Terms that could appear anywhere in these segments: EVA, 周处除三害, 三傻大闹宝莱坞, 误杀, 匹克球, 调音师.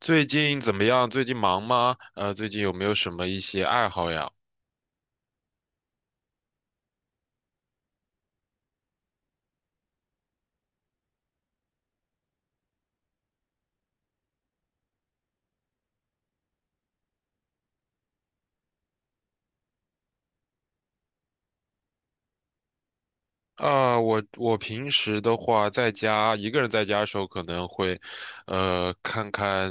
最近怎么样？最近忙吗？最近有没有什么一些爱好呀？啊，我平时的话，在家一个人在家的时候，可能会，看看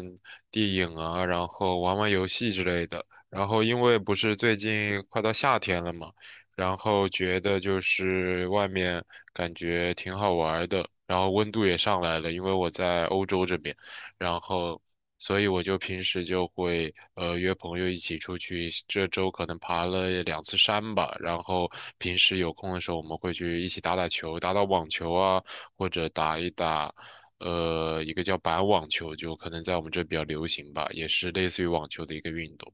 电影啊，然后玩玩游戏之类的。然后因为不是最近快到夏天了嘛，然后觉得就是外面感觉挺好玩儿的，然后温度也上来了，因为我在欧洲这边，然后。所以我就平时就会约朋友一起出去，这周可能爬了两次山吧，然后平时有空的时候我们会去一起打打球，打打网球啊，或者打一打一个叫板网球，就可能在我们这比较流行吧，也是类似于网球的一个运动。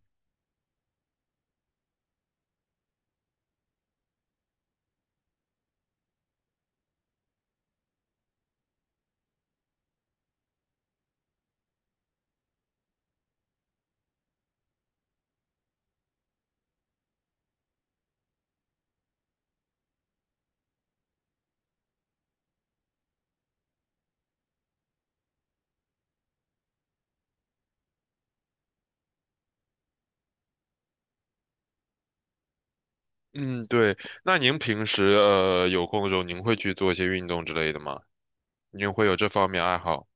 嗯，对。那您平时有空的时候，您会去做一些运动之类的吗？您会有这方面爱好？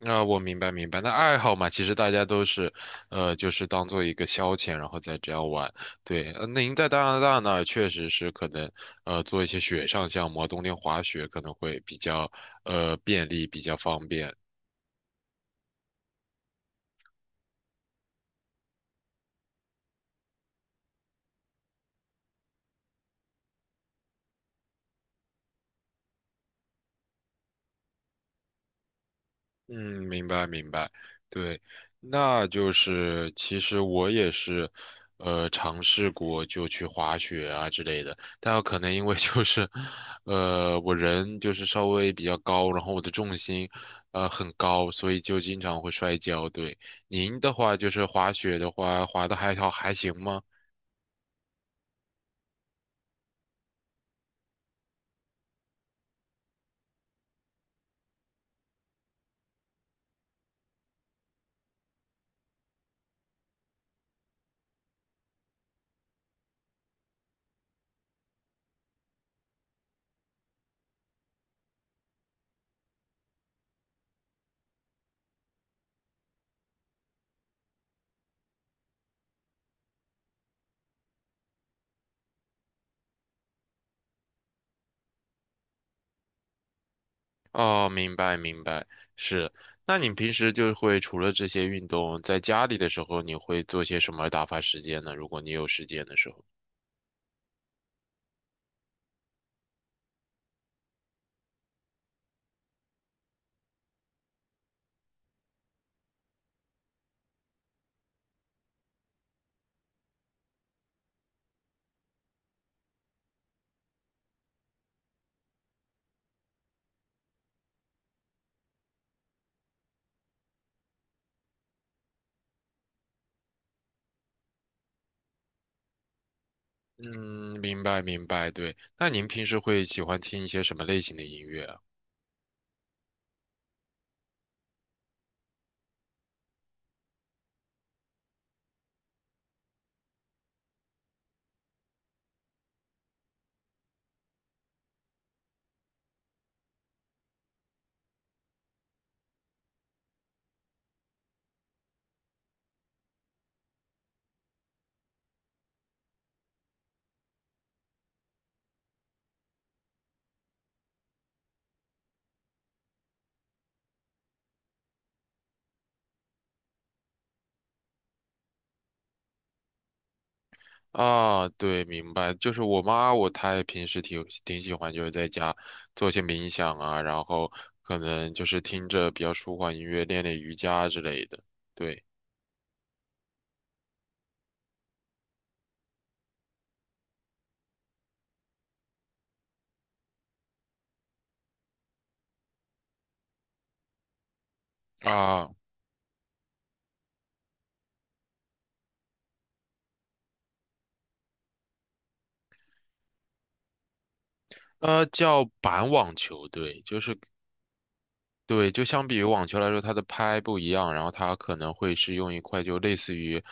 啊、我明白明白。那爱好嘛，其实大家都是，就是当做一个消遣，然后再这样玩。对，那您在加拿大呢，确实是可能，做一些雪上项目啊冬天滑雪可能会比较，便利，比较方便。嗯，明白明白，对，那就是其实我也是，尝试过就去滑雪啊之类的，但有可能因为就是，我人就是稍微比较高，然后我的重心，很高，所以就经常会摔跤。对，您的话就是滑雪的话，滑的还好还行吗？哦，明白明白，是。那你平时就会除了这些运动，在家里的时候，你会做些什么打发时间呢？如果你有时间的时候。嗯，明白明白，对。那您平时会喜欢听一些什么类型的音乐啊？啊，对，明白。就是我妈，我她也平时挺喜欢，就是在家做一些冥想啊，然后可能就是听着比较舒缓音乐，练练瑜伽之类的。对啊，叫板网球，对，就是对，就相比于网球来说，它的拍不一样，然后它可能会是用一块就类似于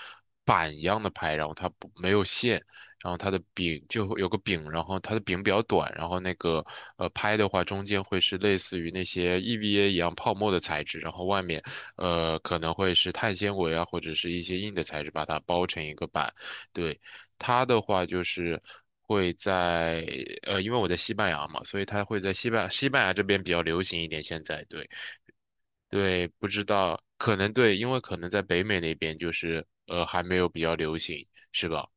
板一样的拍，然后它不没有线，然后它的柄就会有个柄，然后它的柄比较短，然后那个拍的话，中间会是类似于那些 EVA 一样泡沫的材质，然后外面可能会是碳纤维啊或者是一些硬的材质把它包成一个板。对，它的话就是。会在因为我在西班牙嘛，所以它会在西班牙这边比较流行一点。现在对。对，不知道，可能对，因为可能在北美那边就是还没有比较流行，是吧？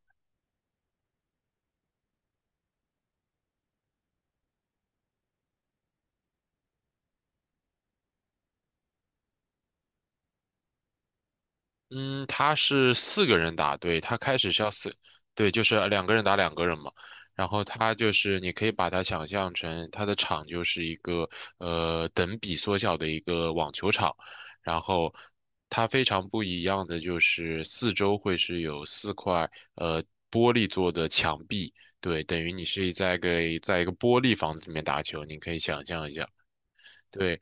嗯，他是四个人打，对，他开始是要四，对，就是两个人打两个人嘛。然后他就是你可以把它想象成他的场就是一个等比缩小的一个网球场，然后它非常不一样的就是四周会是有四块呃玻璃做的墙壁，对，等于你是在给在一个玻璃房子里面打球，你可以想象一下。对，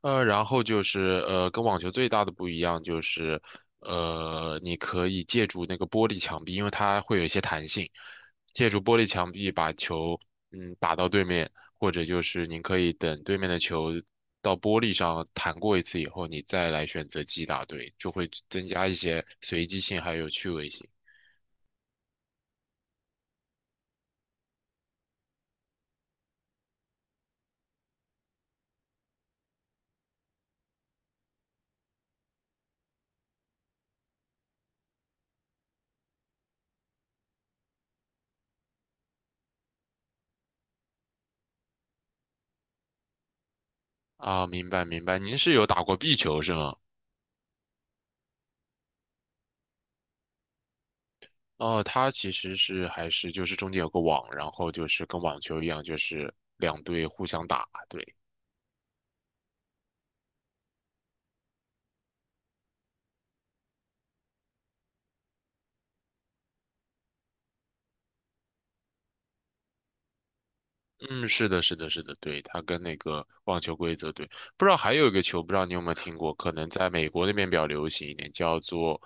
然后就是跟网球最大的不一样就是，你可以借助那个玻璃墙壁，因为它会有一些弹性，借助玻璃墙壁把球打到对面，或者就是您可以等对面的球到玻璃上弹过一次以后，你再来选择击打，对，就会增加一些随机性还有趣味性。啊，明白明白，您是有打过壁球是吗？哦，它其实是还是就是中间有个网，然后就是跟网球一样，就是两队互相打。对，嗯，是的,是的,是的，对，它跟那个网球规则对。不知道还有一个球，不知道你有没有听过，可能在美国那边比较流行一点，叫做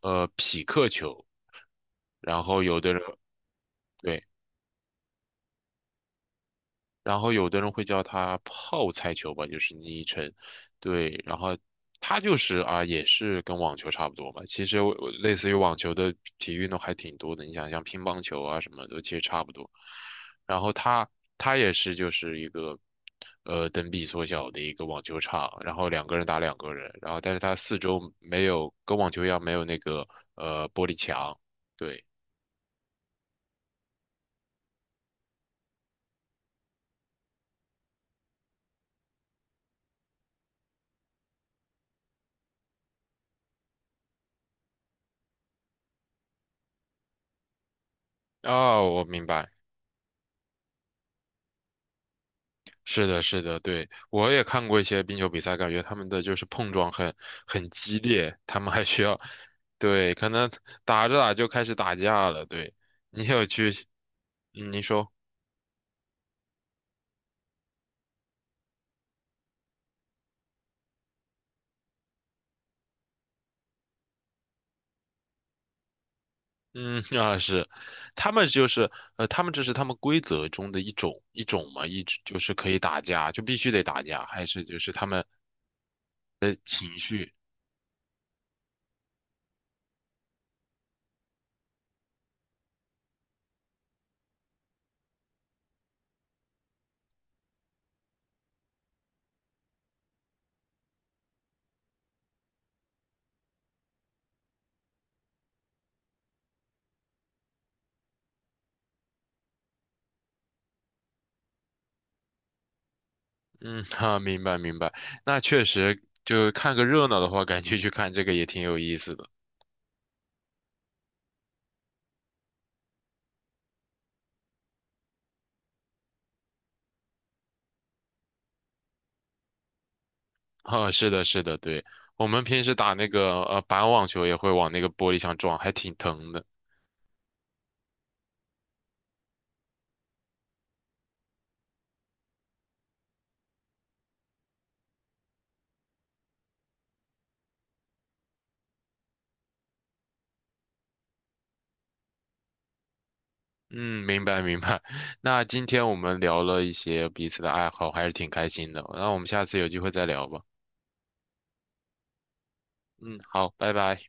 匹克球。然后有的人对。然后有的人会叫它泡菜球吧，就是昵称，对，然后它就是啊，也是跟网球差不多嘛。其实我类似于网球的体育运动还挺多的，你想像乒乓球啊什么的，其实差不多。然后它也是就是一个等比缩小的一个网球场，然后两个人打两个人，然后但是它四周没有跟网球一样没有那个玻璃墙，对，哦，我明白。是的，是的，对，我也看过一些冰球比赛，感觉他们的就是碰撞很激烈，他们还需要，对，可能打着打就开始打架了。对，你有去，嗯你说，嗯，啊，是，他们就是他们这是他们规则中的一种嘛，一直就是可以打架，就必须得打架，还是就是他们的情绪，嗯，哈、明白明白，那确实就看个热闹的话，感觉去看这个也挺有意思的。啊，是的，是的，对，我们平时打那个板网球也会往那个玻璃上撞，还挺疼的。嗯，明白明白。那今天我们聊了一些彼此的爱好，还是挺开心的。那我们下次有机会再聊吧。嗯，好，拜拜。